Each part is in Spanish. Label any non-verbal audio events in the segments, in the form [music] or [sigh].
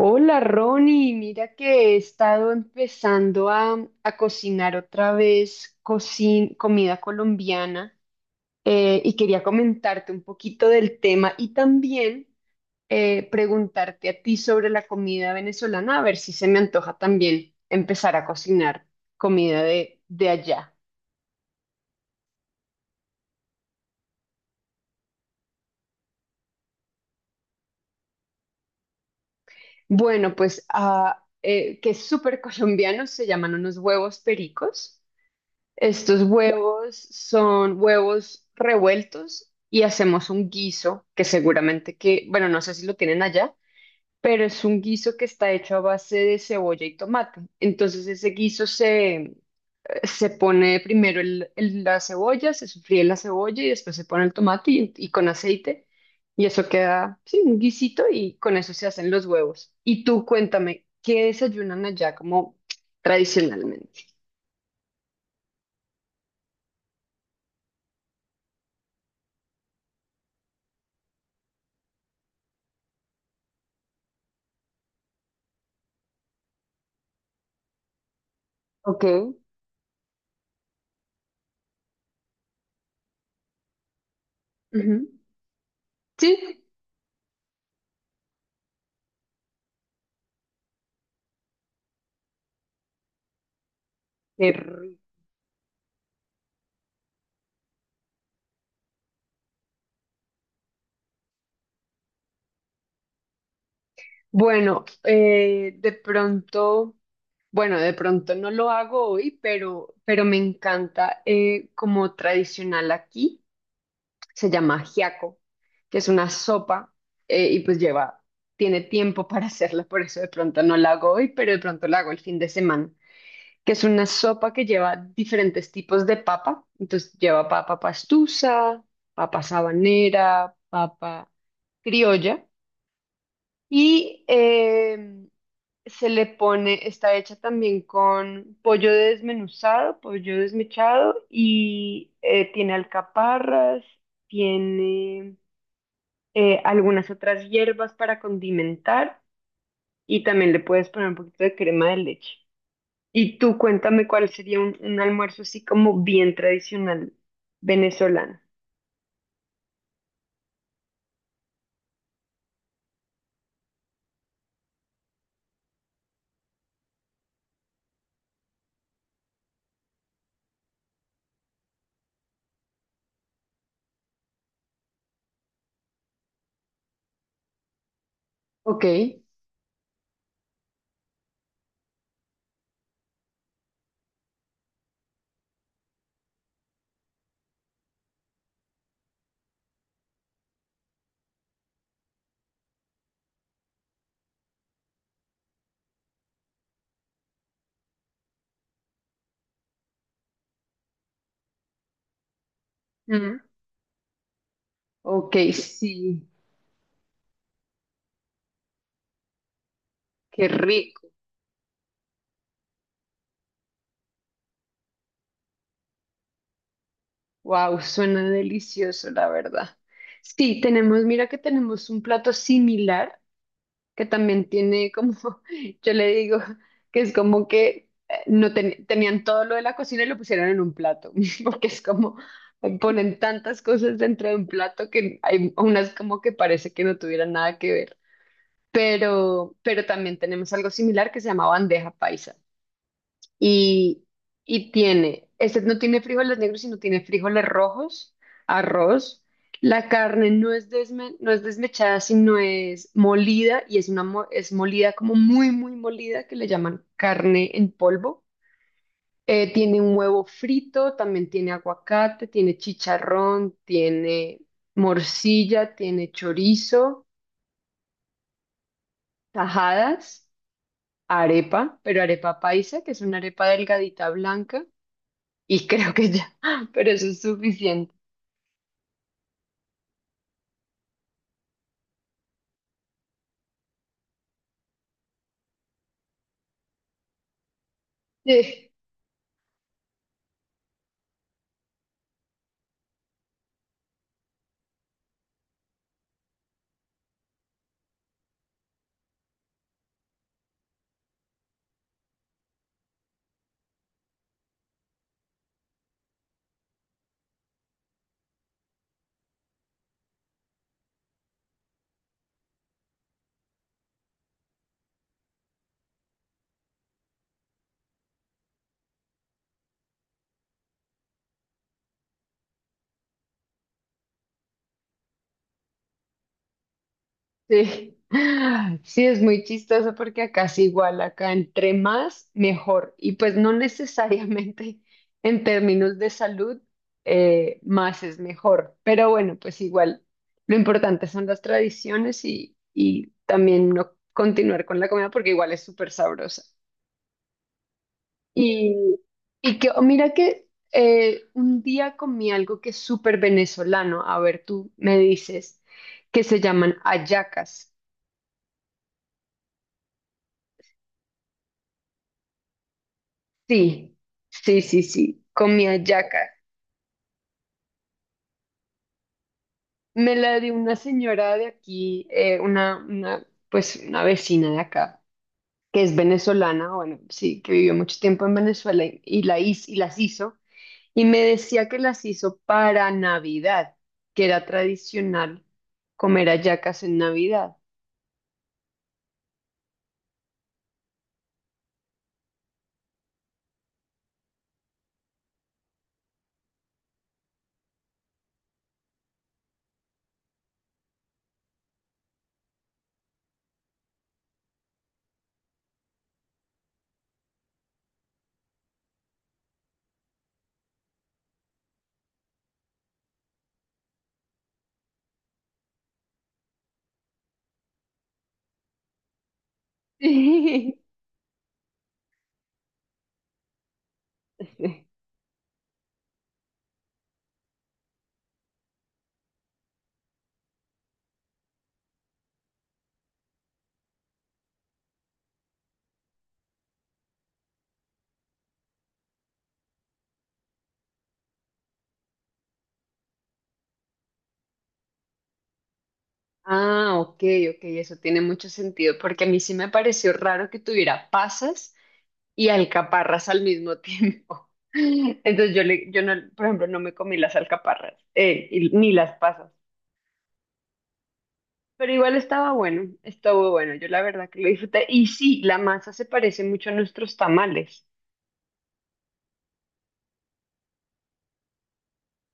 Hola Ronnie, mira que he estado empezando a cocinar otra vez comida colombiana, y quería comentarte un poquito del tema y también preguntarte a ti sobre la comida venezolana, a ver si se me antoja también empezar a cocinar comida de allá. Bueno, pues que es súper [laughs] colombiano, se llaman unos huevos pericos. Estos huevos son huevos revueltos y hacemos un guiso que seguramente que, bueno, no sé si lo tienen allá, pero es un guiso que está hecho a base de cebolla y tomate. Entonces ese guiso se pone primero la cebolla, se sofríe la cebolla y después se pone el tomate y con aceite. Y eso queda, sí, un guisito y con eso se hacen los huevos. Y tú cuéntame, ¿qué desayunan allá como tradicionalmente? Ok. Ujú. Sí, qué rico. Bueno, de pronto, bueno, de pronto no lo hago hoy, pero me encanta, como tradicional aquí, se llama ajiaco, que es una sopa, y pues lleva, tiene tiempo [laughs] para hacerla, por eso de pronto no la hago hoy, pero de pronto la hago el fin de semana, que es una sopa que lleva diferentes tipos de papa, entonces lleva papa pastusa, papa sabanera, papa criolla. Y se le pone, está hecha también con pollo desmenuzado, pollo desmechado, y tiene alcaparras, tiene algunas otras hierbas para condimentar, y también le puedes poner un poquito de crema de leche. Y tú cuéntame cuál sería un almuerzo así como bien tradicional venezolano. Ok. Mm, ok, sí, qué rico. Wow, suena delicioso, la verdad. Sí, tenemos, mira que tenemos un plato similar que también tiene como, [laughs] yo le digo que es como que, no ten- tenían todo lo de la cocina y lo pusieron en un plato, [laughs] porque es como, ponen tantas cosas dentro de un plato que hay unas como que parece que no tuvieran nada que ver. Pero también tenemos algo similar que se llama bandeja paisa. Y, y tiene, este no tiene frijoles negros, sino tiene frijoles rojos, arroz. La carne no es, no es desmechada, sino es molida, y es, es molida como muy, muy molida, que le llaman carne en polvo. Tiene un huevo frito, también tiene aguacate, tiene chicharrón, tiene morcilla, tiene chorizo, tajadas, arepa, pero arepa paisa, que es una arepa delgadita blanca. Y creo que ya, [laughs] pero eso es suficiente. Sí. Sí. Sí, es muy chistoso porque acá es igual, acá entre más, mejor. Y pues no necesariamente [laughs] en términos de salud, más es mejor. Pero bueno, pues igual, lo importante son las tradiciones, y también no continuar con la comida porque igual es súper sabrosa. Y, mira que un día comí algo que es súper venezolano, a ver, tú me dices, que se llaman hallacas. Sí, sí, comí hallacas. Me la dio una señora de aquí, pues una vecina de acá, que es venezolana, bueno, sí, que vivió mucho tiempo en Venezuela, y las hizo, y me decía que las hizo para Navidad, que era tradicional comer hallacas en Navidad. Sí. [laughs] Ah, ok, ok, eso tiene mucho sentido, porque a mí sí me pareció raro que tuviera pasas y alcaparras al mismo tiempo. [laughs] Entonces yo no, por ejemplo, no me comí las alcaparras, ni las pasas, pero igual estaba bueno, estuvo bueno, yo la verdad que lo disfruté. Y sí, la masa se parece mucho a nuestros tamales.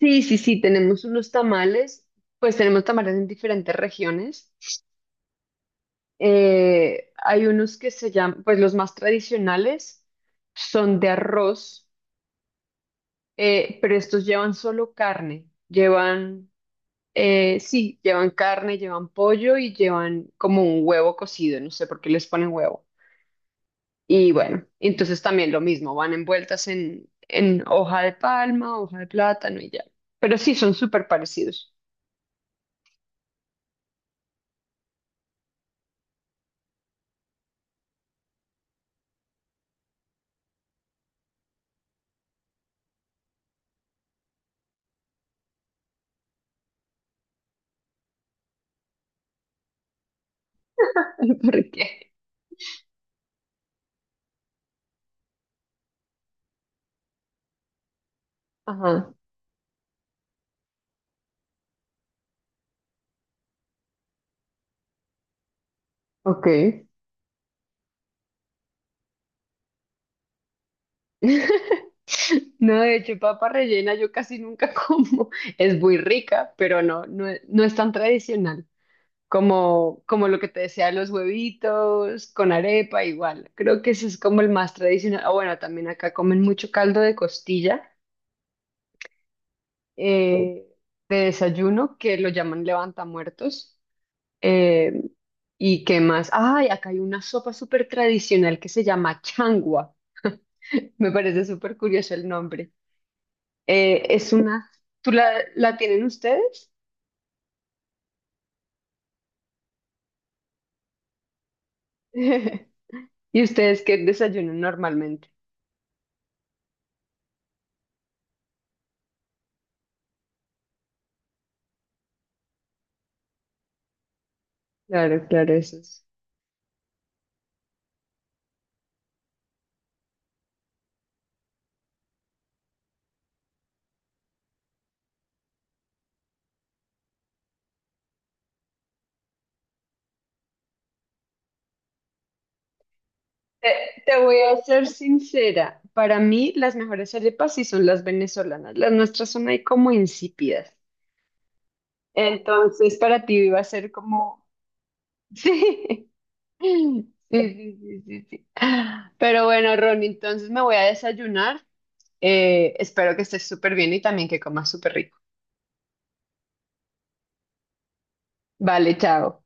Sí, tenemos unos tamales, pues tenemos tamales en diferentes regiones. Hay unos que se llaman, pues los más tradicionales son de arroz, pero estos llevan solo carne. Llevan, sí, llevan carne, llevan pollo y llevan como un huevo cocido, no sé por qué les ponen huevo. Y bueno, entonces también lo mismo, van envueltas en hoja de palma, hoja de plátano y ya. Pero sí, son súper parecidos. [laughs] ¿Por qué? Ajá, ok. [laughs] No, de hecho, papa rellena yo casi nunca [laughs] como. Es muy rica, pero no, no, es no es tan tradicional como, como lo que te decía, los huevitos con arepa, igual. Creo que ese es como el más tradicional. Ah, bueno, también acá comen mucho caldo de costilla, eh, de desayuno, que lo llaman levantamuertos. Eh, ¿Y qué más? Ay, acá hay una sopa súper tradicional que se llama changua. Me parece súper curioso el nombre. Eh, es una, ¿Tú la tienen ustedes? [laughs] ¿Y ustedes qué desayunan normalmente? Claro, claro, eso es. Te, Te voy a ser sincera, para mí las mejores arepas sí son las venezolanas, las nuestras son ahí como insípidas. Entonces, para ti iba a ser como, [laughs] sí, sí, sí, sí, sí, sí. Pero bueno, Ron, entonces me voy a desayunar. Espero que estés súper bien y también que comas súper rico. Vale, chao.